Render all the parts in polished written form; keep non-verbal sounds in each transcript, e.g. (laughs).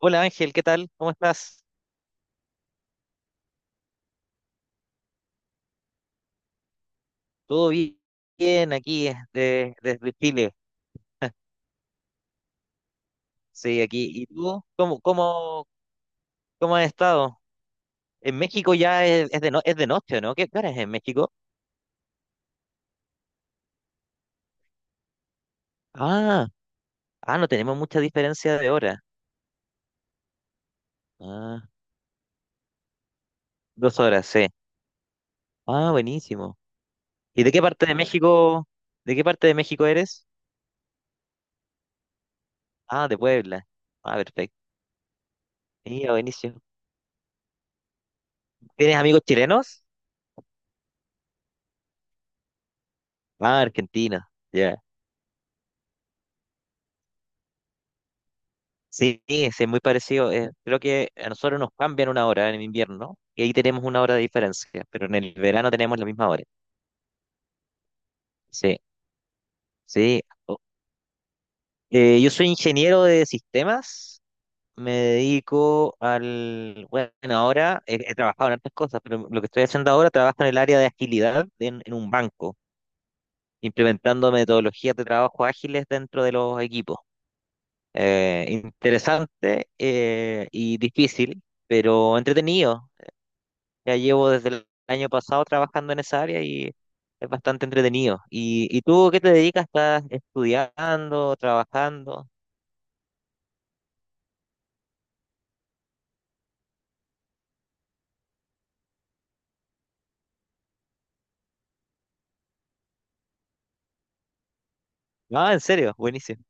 Hola Ángel, ¿qué tal? ¿Cómo estás? ¿Todo bi- Bien aquí desde, desde Chile? Sí, aquí. ¿Y tú? ¿Cómo has estado? En México ya es de noche, ¿no? ¿Qué hora es en México? Ah, no tenemos mucha diferencia de hora. Ah, dos horas, sí. Ah, buenísimo. ¿Y de qué parte de México, de qué parte de México eres? Ah, de Puebla. Ah, perfecto. Mira, buenísimo. ¿Tienes amigos chilenos? Ah, argentinos. Ya. Sí, sí, es muy parecido. Creo que a nosotros nos cambian una hora en invierno y ahí tenemos una hora de diferencia, pero en el verano tenemos la misma hora. Sí, sí. Yo soy ingeniero de sistemas, me dedico al... Bueno, ahora he trabajado en otras cosas, pero lo que estoy haciendo ahora trabajo en el área de agilidad en un banco, implementando metodologías de trabajo ágiles dentro de los equipos. Interesante y difícil, pero entretenido. Ya llevo desde el año pasado trabajando en esa área y es bastante entretenido. Y tú qué te dedicas? ¿Estás estudiando, trabajando? Ah, en serio, buenísimo,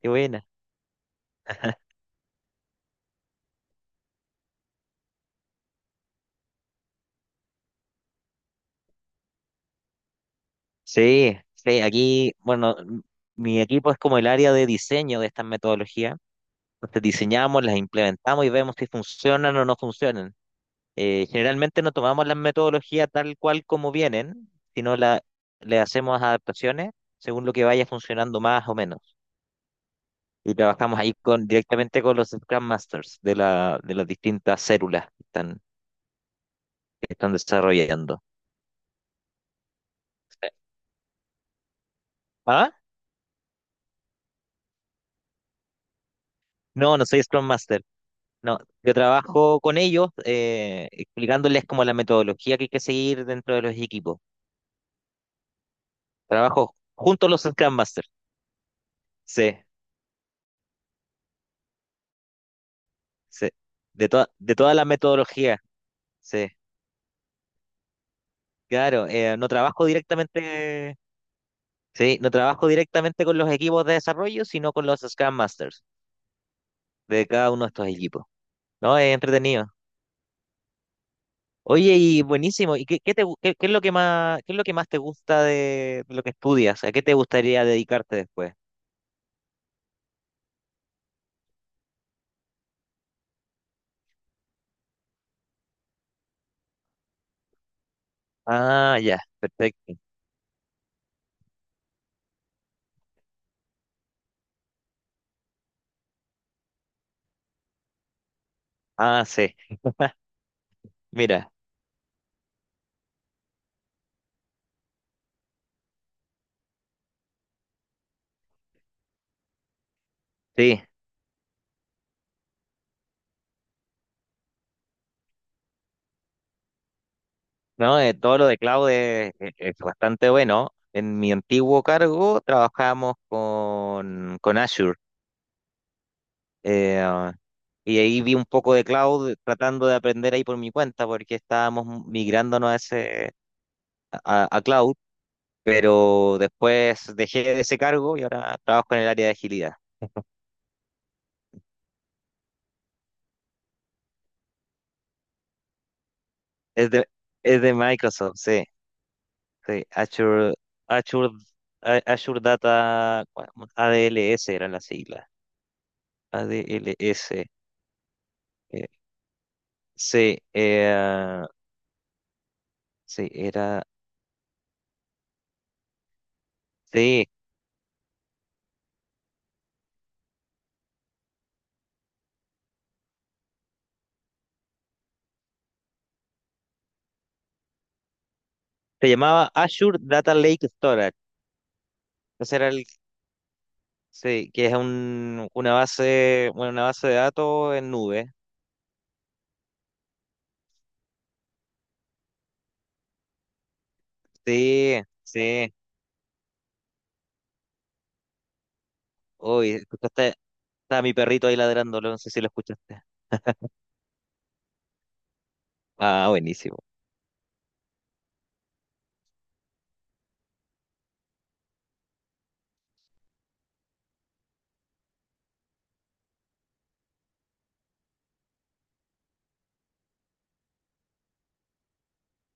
qué buena. Sí, sí, aquí, bueno, mi equipo es como el área de diseño de estas metodologías. Entonces diseñamos, las implementamos y vemos si funcionan o no funcionan. Generalmente no tomamos las metodologías tal cual como vienen, sino la, le hacemos adaptaciones según lo que vaya funcionando más o menos. Y trabajamos ahí con, directamente con los Scrum Masters de las distintas células que están desarrollando. ¿Ah? No, no soy Scrum Master. No, yo trabajo con ellos explicándoles como la metodología que hay que seguir dentro de los equipos. Trabajo junto a los Scrum Masters. Sí, sí. Toda de toda la metodología. Sí, claro. No trabajo directamente, sí, no trabajo directamente con los equipos de desarrollo, sino con los Scrum Masters de cada uno de estos equipos. No, es entretenido. Oye, y buenísimo. ¿Y qué es lo que más, qué es lo que más te gusta de, lo que estudias? ¿A qué te gustaría dedicarte después? Ah, ya, perfecto. Ah, sí. Mira, sí. No. Todo lo de cloud es, es bastante bueno. En mi antiguo cargo trabajábamos con Azure. eh, ah, y ahí vi un poco de cloud tratando de aprender ahí por mi cuenta, porque estábamos migrándonos a ese, a cloud. Pero después dejé ese cargo y ahora trabajo en el área de agilidad. Es de, es de Microsoft, sí, sí, Azure, Azure Data, bueno, ADLS eran las siglas, ADLS, eh, sí, eh, sí, era, sí, se llamaba Azure Data Lake Storage, ese era el, sí, que es un, una base, bueno, una base de datos en nube, sí, sí, uy, escuchaste, estaba mi perrito ahí ladrándolo, no sé si lo escuchaste. Ah, buenísimo.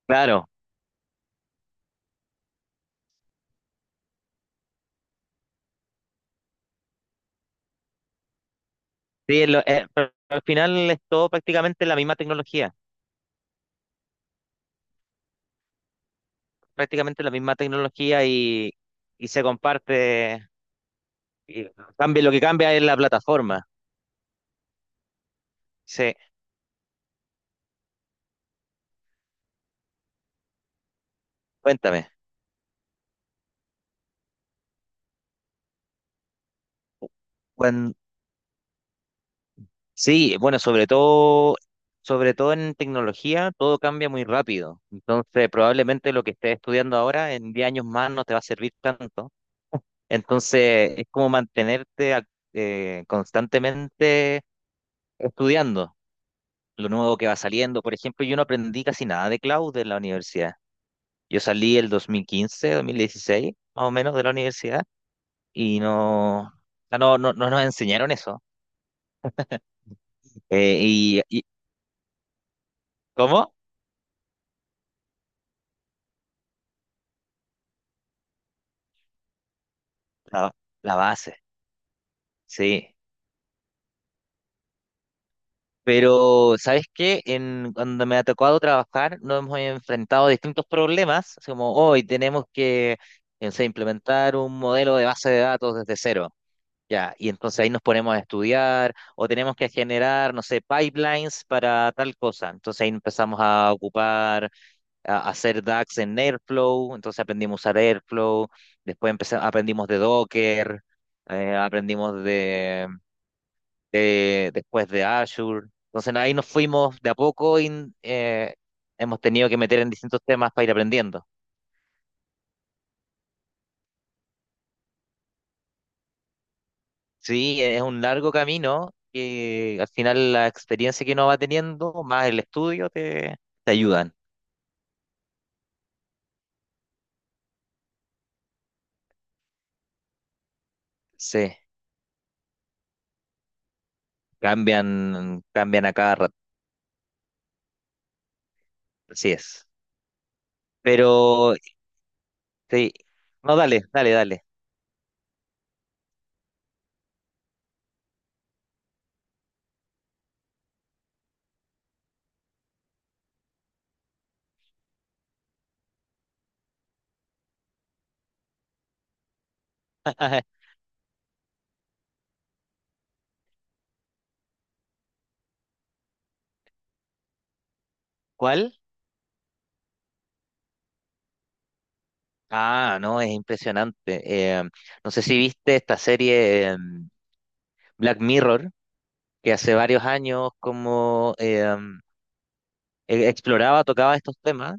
Claro, sí, pero al final es todo prácticamente la misma tecnología, prácticamente la misma tecnología y se comparte, y cambia, lo que cambia es la plataforma. Sí, cuéntame. Cuan- sí, bueno, sobre todo en tecnología, todo cambia muy rápido. Entonces, probablemente lo que estés estudiando ahora en 10 años más no te va a servir tanto. Entonces, es como constantemente estudiando lo nuevo que va saliendo. Por ejemplo, yo no aprendí casi nada de cloud en la universidad. Yo salí el 2015, 2016, más o menos, de la universidad y no, ah no, no, no nos enseñaron eso. Eh, y, y- ¿Cómo? La, la base, sí. Pero, ¿sabes qué? En, cuando me ha tocado trabajar, nos hemos enfrentado a distintos problemas, así como hoy tenemos que, no sé, implementar un modelo de base de datos desde cero. Ya, y entonces ahí nos ponemos a estudiar o tenemos que generar, no sé, pipelines para tal cosa. Entonces ahí empezamos a ocupar, a hacer DAX en Airflow, entonces aprendimos a usar Airflow, después empezamos, aprendimos de Docker, aprendimos después de Azure. Entonces ahí nos fuimos de a poco y eh, hemos tenido que meter en distintos temas para ir aprendiendo. Sí, es un largo camino que al final la experiencia que uno va teniendo, más el estudio, te ayudan. Sí, cambian, cambian a cada rato. Así es. Pero, sí, no, dale, dale, dale. (laughs) ¿Cuál? Ah, no, es impresionante. Eh, no sé si viste esta serie Black Mirror, que hace varios años como exploraba, tocaba estos temas,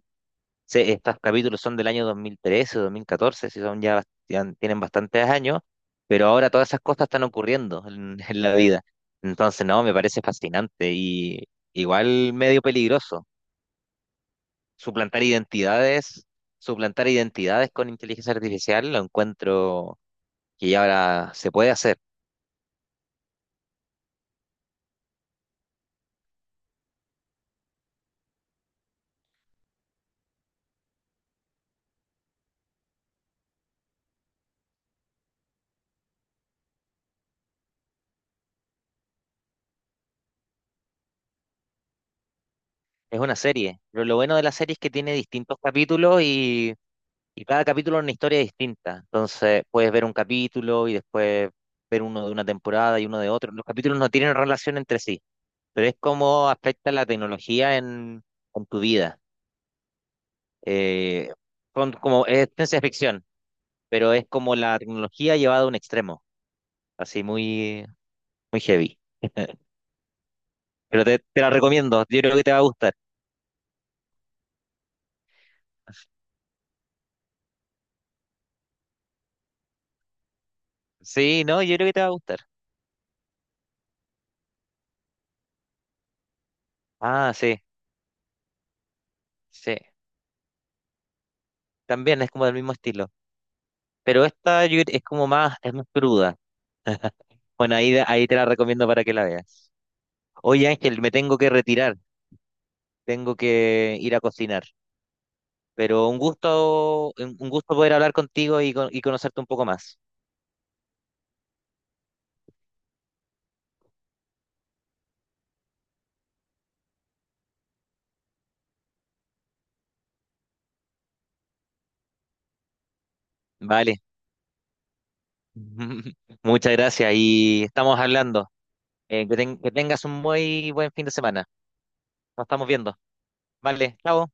estos capítulos son del año 2013 o 2014, si son ya, ya tienen bastantes años, pero ahora todas esas cosas están ocurriendo en, (laughs) en la vida. Entonces, no, me parece fascinante y igual medio peligroso. Suplantar identidades, suplantar identidades con inteligencia artificial, lo encuentro que ya ahora se puede hacer. Es una serie, pero lo bueno de la serie es que tiene distintos capítulos. Y cada capítulo es una historia distinta. Entonces, puedes ver un capítulo y después ver uno de una temporada y uno de otro. Los capítulos no tienen relación entre sí, pero es como afecta la tecnología en tu vida. Eh, es ciencia ficción, pero es como la tecnología llevada a un extremo, así muy, muy heavy. Pero te la recomiendo, yo creo que te va a gustar. Sí, no, yo creo que te va a gustar. Ah, sí, sí. También es como del mismo estilo. Pero esta es como más, es más cruda. Bueno, ahí te la recomiendo para que la veas. Oye, Ángel, me tengo que retirar, tengo que ir a cocinar, pero un gusto, un gusto poder hablar contigo y, y conocerte un poco más. Vale. (laughs) Muchas gracias y estamos hablando. Que tengas un muy buen fin de semana. Nos estamos viendo. Vale, chao.